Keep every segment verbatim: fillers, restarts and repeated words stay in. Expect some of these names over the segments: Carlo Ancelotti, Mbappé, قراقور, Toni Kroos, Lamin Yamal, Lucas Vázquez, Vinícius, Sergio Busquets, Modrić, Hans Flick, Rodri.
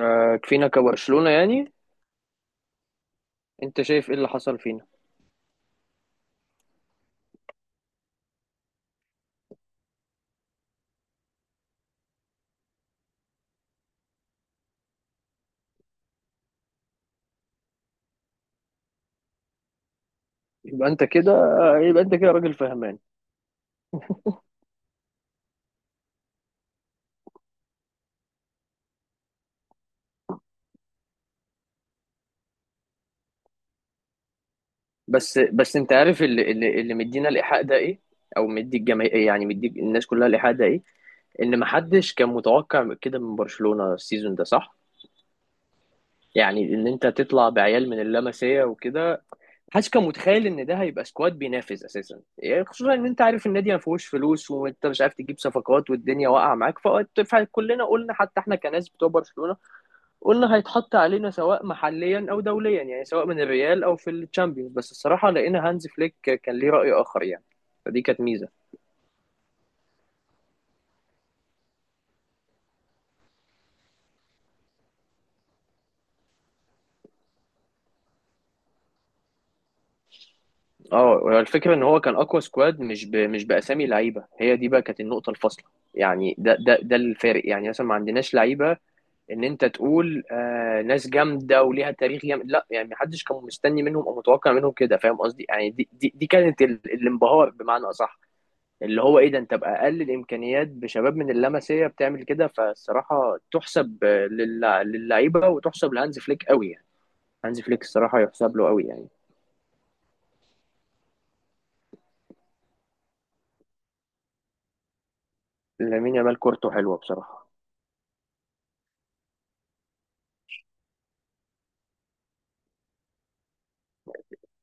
آه، كفينا كبرشلونة يعني. انت شايف ايه اللي حصل فينا؟ يبقى انت كده، يبقى انت كده راجل فهمان. بس بس انت عارف اللي اللي, اللي مدينا الايحاء ده ايه؟ او مدي الجماهير، يعني مدي الناس كلها الايحاء ده ايه؟ ان محدش كان متوقع كده من برشلونة السيزون ده، صح؟ يعني ان انت تطلع بعيال من اللمسيه وكده، محدش كان متخيل ان ده هيبقى سكواد بينافس اساسا، يعني خصوصا ان انت عارف النادي ما فيهوش فلوس، وانت مش عارف تجيب صفقات والدنيا واقعه معاك، فقلت- فكلنا قلنا حتى احنا كناس بتوع برشلونة، قلنا هيتحط علينا سواء محليا او دوليا، يعني سواء من الريال او في الشامبيونز. بس الصراحه لقينا هانز فليك كان ليه راي اخر يعني، فدي كانت ميزه. اه الفكره ان هو كان اقوى سكواد، مش ب... مش باسامي لعيبه. هي دي بقى كانت النقطه الفاصله، يعني ده ده ده الفارق. يعني مثلا ما عندناش لعيبه ان انت تقول آه ناس جامده وليها تاريخ جامد، لا يعني محدش كان مستني منهم او متوقع منهم كده، فاهم قصدي؟ يعني دي دي, دي كانت ال... الانبهار بمعنى اصح، اللي هو ايه ده؟ انت باقل الامكانيات، بشباب من اللمسيه، بتعمل كده. فالصراحه تحسب للع- للعيبه، وتحسب لهانز فليك قوي يعني. هانز فليك الصراحه يحسب له قوي يعني. لامين يامال كورته حلوه بصراحه.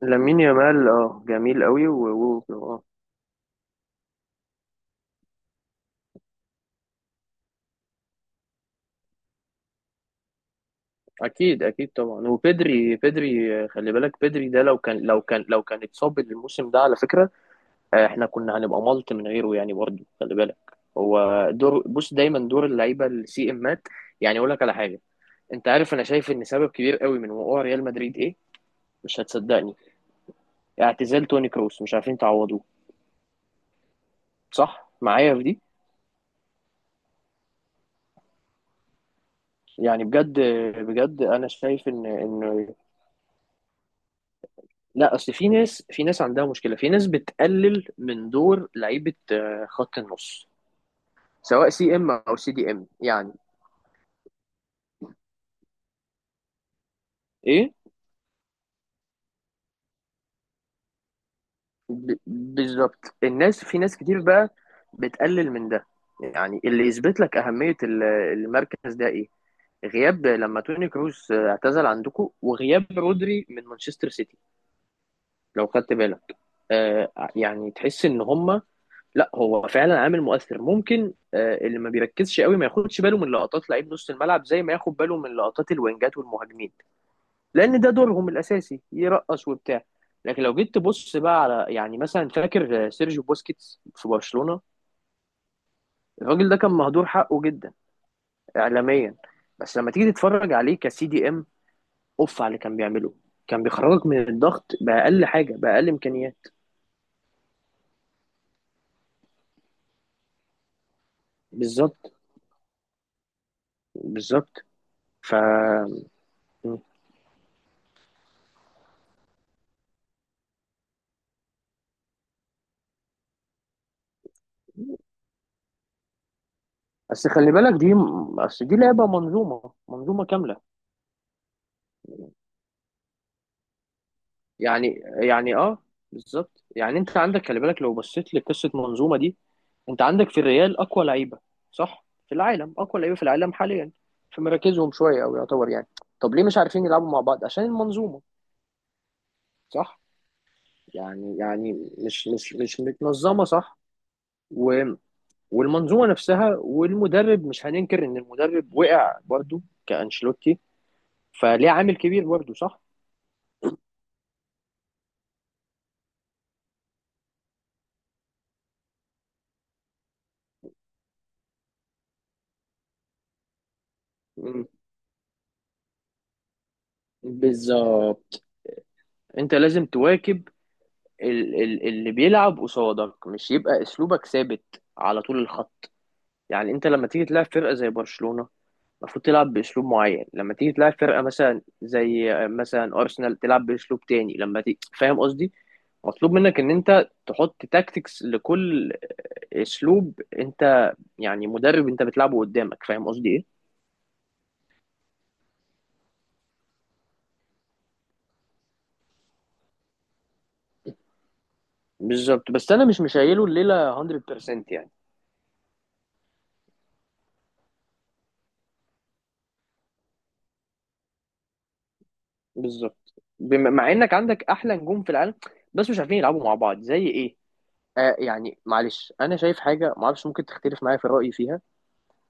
لامين يامال اه جميل قوي و... و... آه. اكيد اكيد طبعا. وبدري، بدري آه، خلي بالك بدري ده لو كان لو كان لو كان اتصاب الموسم ده على فكره، آه، احنا كنا هنبقى ملط من غيره يعني، برضه خلي بالك. هو دور، بص، دايما دور اللعيبه السي امات. يعني اقول لك على حاجه، انت عارف انا شايف ان سبب كبير قوي من وقوع ريال مدريد ايه؟ مش هتصدقني. اعتزال توني كروس، مش عارفين تعوضوه. صح معايا في دي؟ يعني بجد بجد، انا شايف ان ان لا اصل في ناس، في ناس عندها مشكله، في ناس بتقلل من دور لعيبه آه، خط النص، سواء سي ام او سي دي ام يعني. ايه، ب- بالظبط. الناس، في ناس كتير بقى بتقلل من ده. يعني اللي يثبت لك اهميه ال- المركز ده ايه؟ غياب لما توني كروس آه، اعتزل عندكم، وغياب رودري من مانشستر سيتي، لو خدت بالك. آه يعني تحس ان هما، لا هو فعلا عامل مؤثر. ممكن آه اللي ما بيركزش قوي ما ياخدش باله من لقطات لعيب نص الملعب زي ما ياخد باله من لقطات الوينجات والمهاجمين، لان ده دورهم الاساسي، يرقص وبتاع. لكن لو جيت تبص بقى على، يعني مثلا، فاكر آه، سيرجيو بوسكيتس في برشلونة؟ الراجل ده كان مهدور حقه جدا اعلاميا. بس لما تيجي تتفرج عليه كسي دي ام، اوف على اللي كان بيعمله. كان بيخرجك من الضغط باقل حاجه، باقل امكانيات. بالظبط بالظبط. ف بس خلي بالك دي، اصل دي لعبه منظومه، منظومه كامله. يعني يعني اه بالظبط. يعني انت عندك، خلي بالك لو بصيت لقصه منظومه دي، انت عندك في الريال اقوى لعيبه، صح؟ في العالم، اقوى لعيبه في العالم حاليا في مراكزهم شويه، او يعتبر يعني. طب ليه مش عارفين يلعبوا مع بعض؟ عشان المنظومه، صح؟ يعني يعني مش مش مش متنظمه، صح. و والمنظومه نفسها والمدرب، مش هننكر ان المدرب وقع برضو. كانشيلوتي فليه عامل كبير برضو، صح. مم. بالظبط. انت لازم تواكب ال- ال- اللي بيلعب قصادك، مش يبقى اسلوبك ثابت على طول الخط. يعني انت لما تيجي تلعب فرقه زي برشلونه، المفروض تلعب باسلوب معين. لما تيجي تلعب فرقه مثلا زي مثلا ارسنال، تلعب باسلوب تاني. لما تيجي، فاهم قصدي، مطلوب منك ان انت تحط تاكتكس لكل اسلوب انت، يعني مدرب انت بتلعبه قدامك، فاهم قصدي ايه؟ بالظبط. بس انا مش مشايله الليله مية في المية يعني. بالظبط. بم- مع انك عندك احلى نجوم في العالم، بس مش عارفين يلعبوا مع بعض زي ايه. آه يعني معلش، انا شايف حاجه ما اعرفش ممكن تختلف معايا في رايي فيها،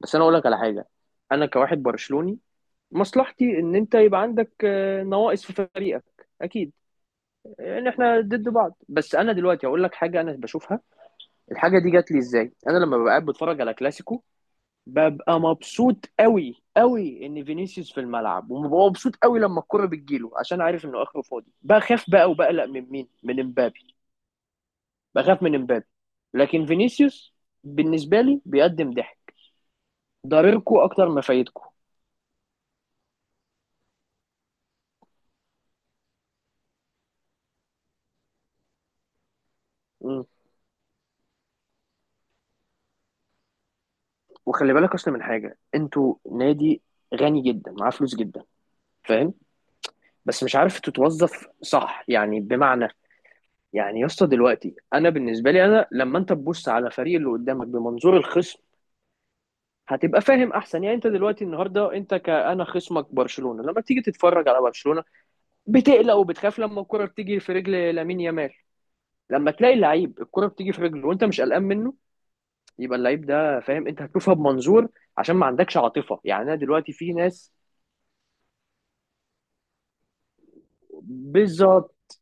بس انا اقول لك على حاجه. انا كواحد برشلوني، مصلحتي ان انت يبقى عندك آه، نواقص في فريقك اكيد، ان احنا ضد بعض. بس انا دلوقتي هقول لك حاجه انا بشوفها. الحاجه دي جات لي ازاي؟ انا لما ببقى قاعد بتفرج على كلاسيكو، ببقى مبسوط قوي قوي ان فينيسيوس في الملعب، وببقى مبسوط قوي لما الكرة بتجيله، عشان عارف انه اخره فاضي. بخاف بقى وبقلق من مين؟ من امبابي. بخاف من امبابي. لكن فينيسيوس بالنسبة لي بيقدم ضحك، ضرركوا اكتر ما فايدكوا. مم. وخلي بالك اصلا من حاجة، انتوا نادي غني جدا، معاه فلوس جدا، فاهم؟ بس مش عارف تتوظف صح، يعني بمعنى، يعني يا اسطى دلوقتي، انا بالنسبه لي، انا لما انت تبص على فريق اللي قدامك بمنظور الخصم، هتبقى فاهم احسن. يعني انت دلوقتي النهارده، انت كأنا خصمك برشلونة، لما تيجي تتفرج على برشلونة بتقلق وبتخاف لما الكرة بتيجي في رجل لامين يامال. لما تلاقي لعيب الكرة بتيجي في رجله وانت مش قلقان منه، يبقى اللعيب ده، فاهم، انت هتشوفها بمنظور. عشان ما عندكش عاطفة يعني. انا دلوقتي في ناس، بالظبط.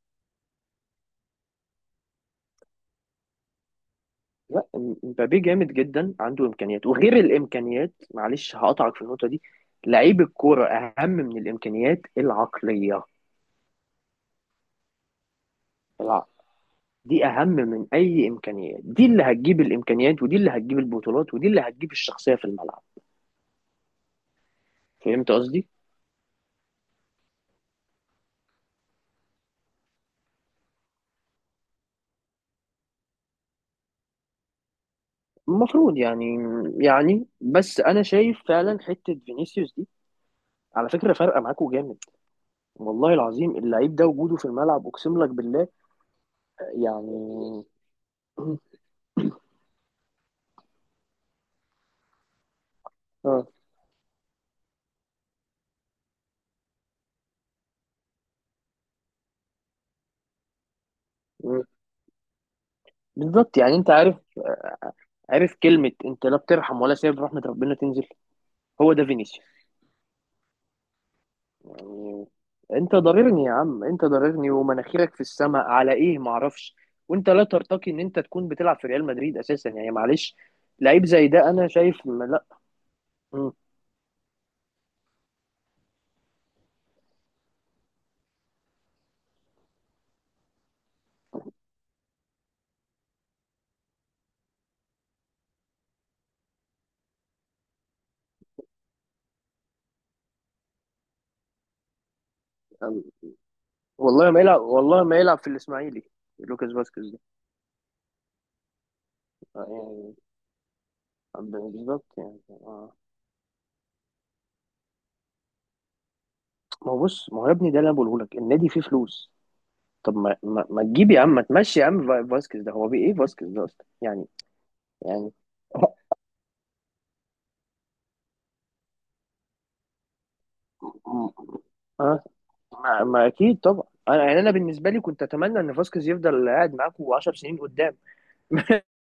لا، مبابي جامد جدا، عنده امكانيات، وغير الامكانيات معلش هقطعك في النقطة دي. لعيب الكرة اهم من الامكانيات العقلية. الع- دي اهم من اي امكانيات، دي اللي هتجيب الامكانيات، ودي اللي هتجيب البطولات، ودي اللي هتجيب الشخصيه في الملعب، فهمت قصدي؟ المفروض يعني. يعني بس انا شايف فعلا حته فينيسيوس دي على فكره فارقه معاكوا جامد. والله العظيم اللعيب ده وجوده في الملعب، اقسم لك بالله. يعني اه. مم. بالظبط يعني. انت عارف، عارف كلمه، انت لا بترحم ولا سايب رحمه ربنا تنزل، هو ده فينيسيوس يعني. انت ضررني يا عم، انت ضررني ومناخيرك في السماء على ايه معرفش، وانت لا ترتقي ان انت تكون بتلعب في ريال مدريد اساسا يعني، معلش. لعيب زي ده انا شايف ما لا. مم. والله ما يلعب، والله ما يلعب في الاسماعيلي لوكاس فاسكيز ده. آه، يعني بالظبط يعني آه. ما هو بص، ما هو يا ابني ده اللي انا بقوله لك، النادي فيه فلوس. طب ما ما, ما تجيب يا عم، ما تمشي يا عم، فا- فاسكيز ده هو بيه ايه؟ فاسكيز ده اصلا يعني. يعني اه، ما, ما اكيد طبعا. انا يعني انا بالنسبه لي كنت اتمنى ان فاسكيز يفضل قاعد معاكم 10 سنين قدام.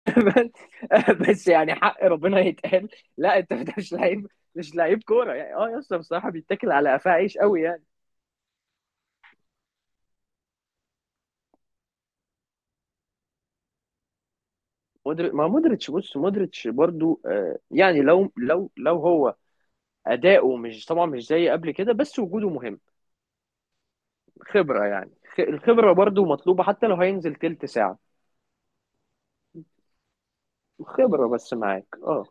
بس يعني حق ربنا يتقال. لا انت، مش لعيب، مش لعيب كوره يعني. اه يا اسطى بصراحه بيتاكل على قفاه عيش قوي يعني. مودريتش، ما مودريتش بص مودريتش برضو آه، يعني لو لو لو هو اداؤه مش طبعا مش زي قبل كده، بس وجوده مهم. خبره يعني، خ- الخبره برضو مطلوبه، حتى لو هينزل تلت ساعه. خبره بس معاك، اه.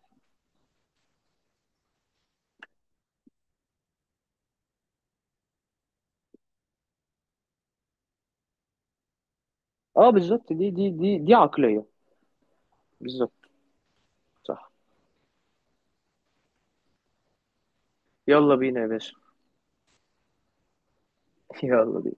اه بالظبط. دي دي دي دي عقليه. بالظبط. صح. يلا بينا يا باشا. يلا بينا.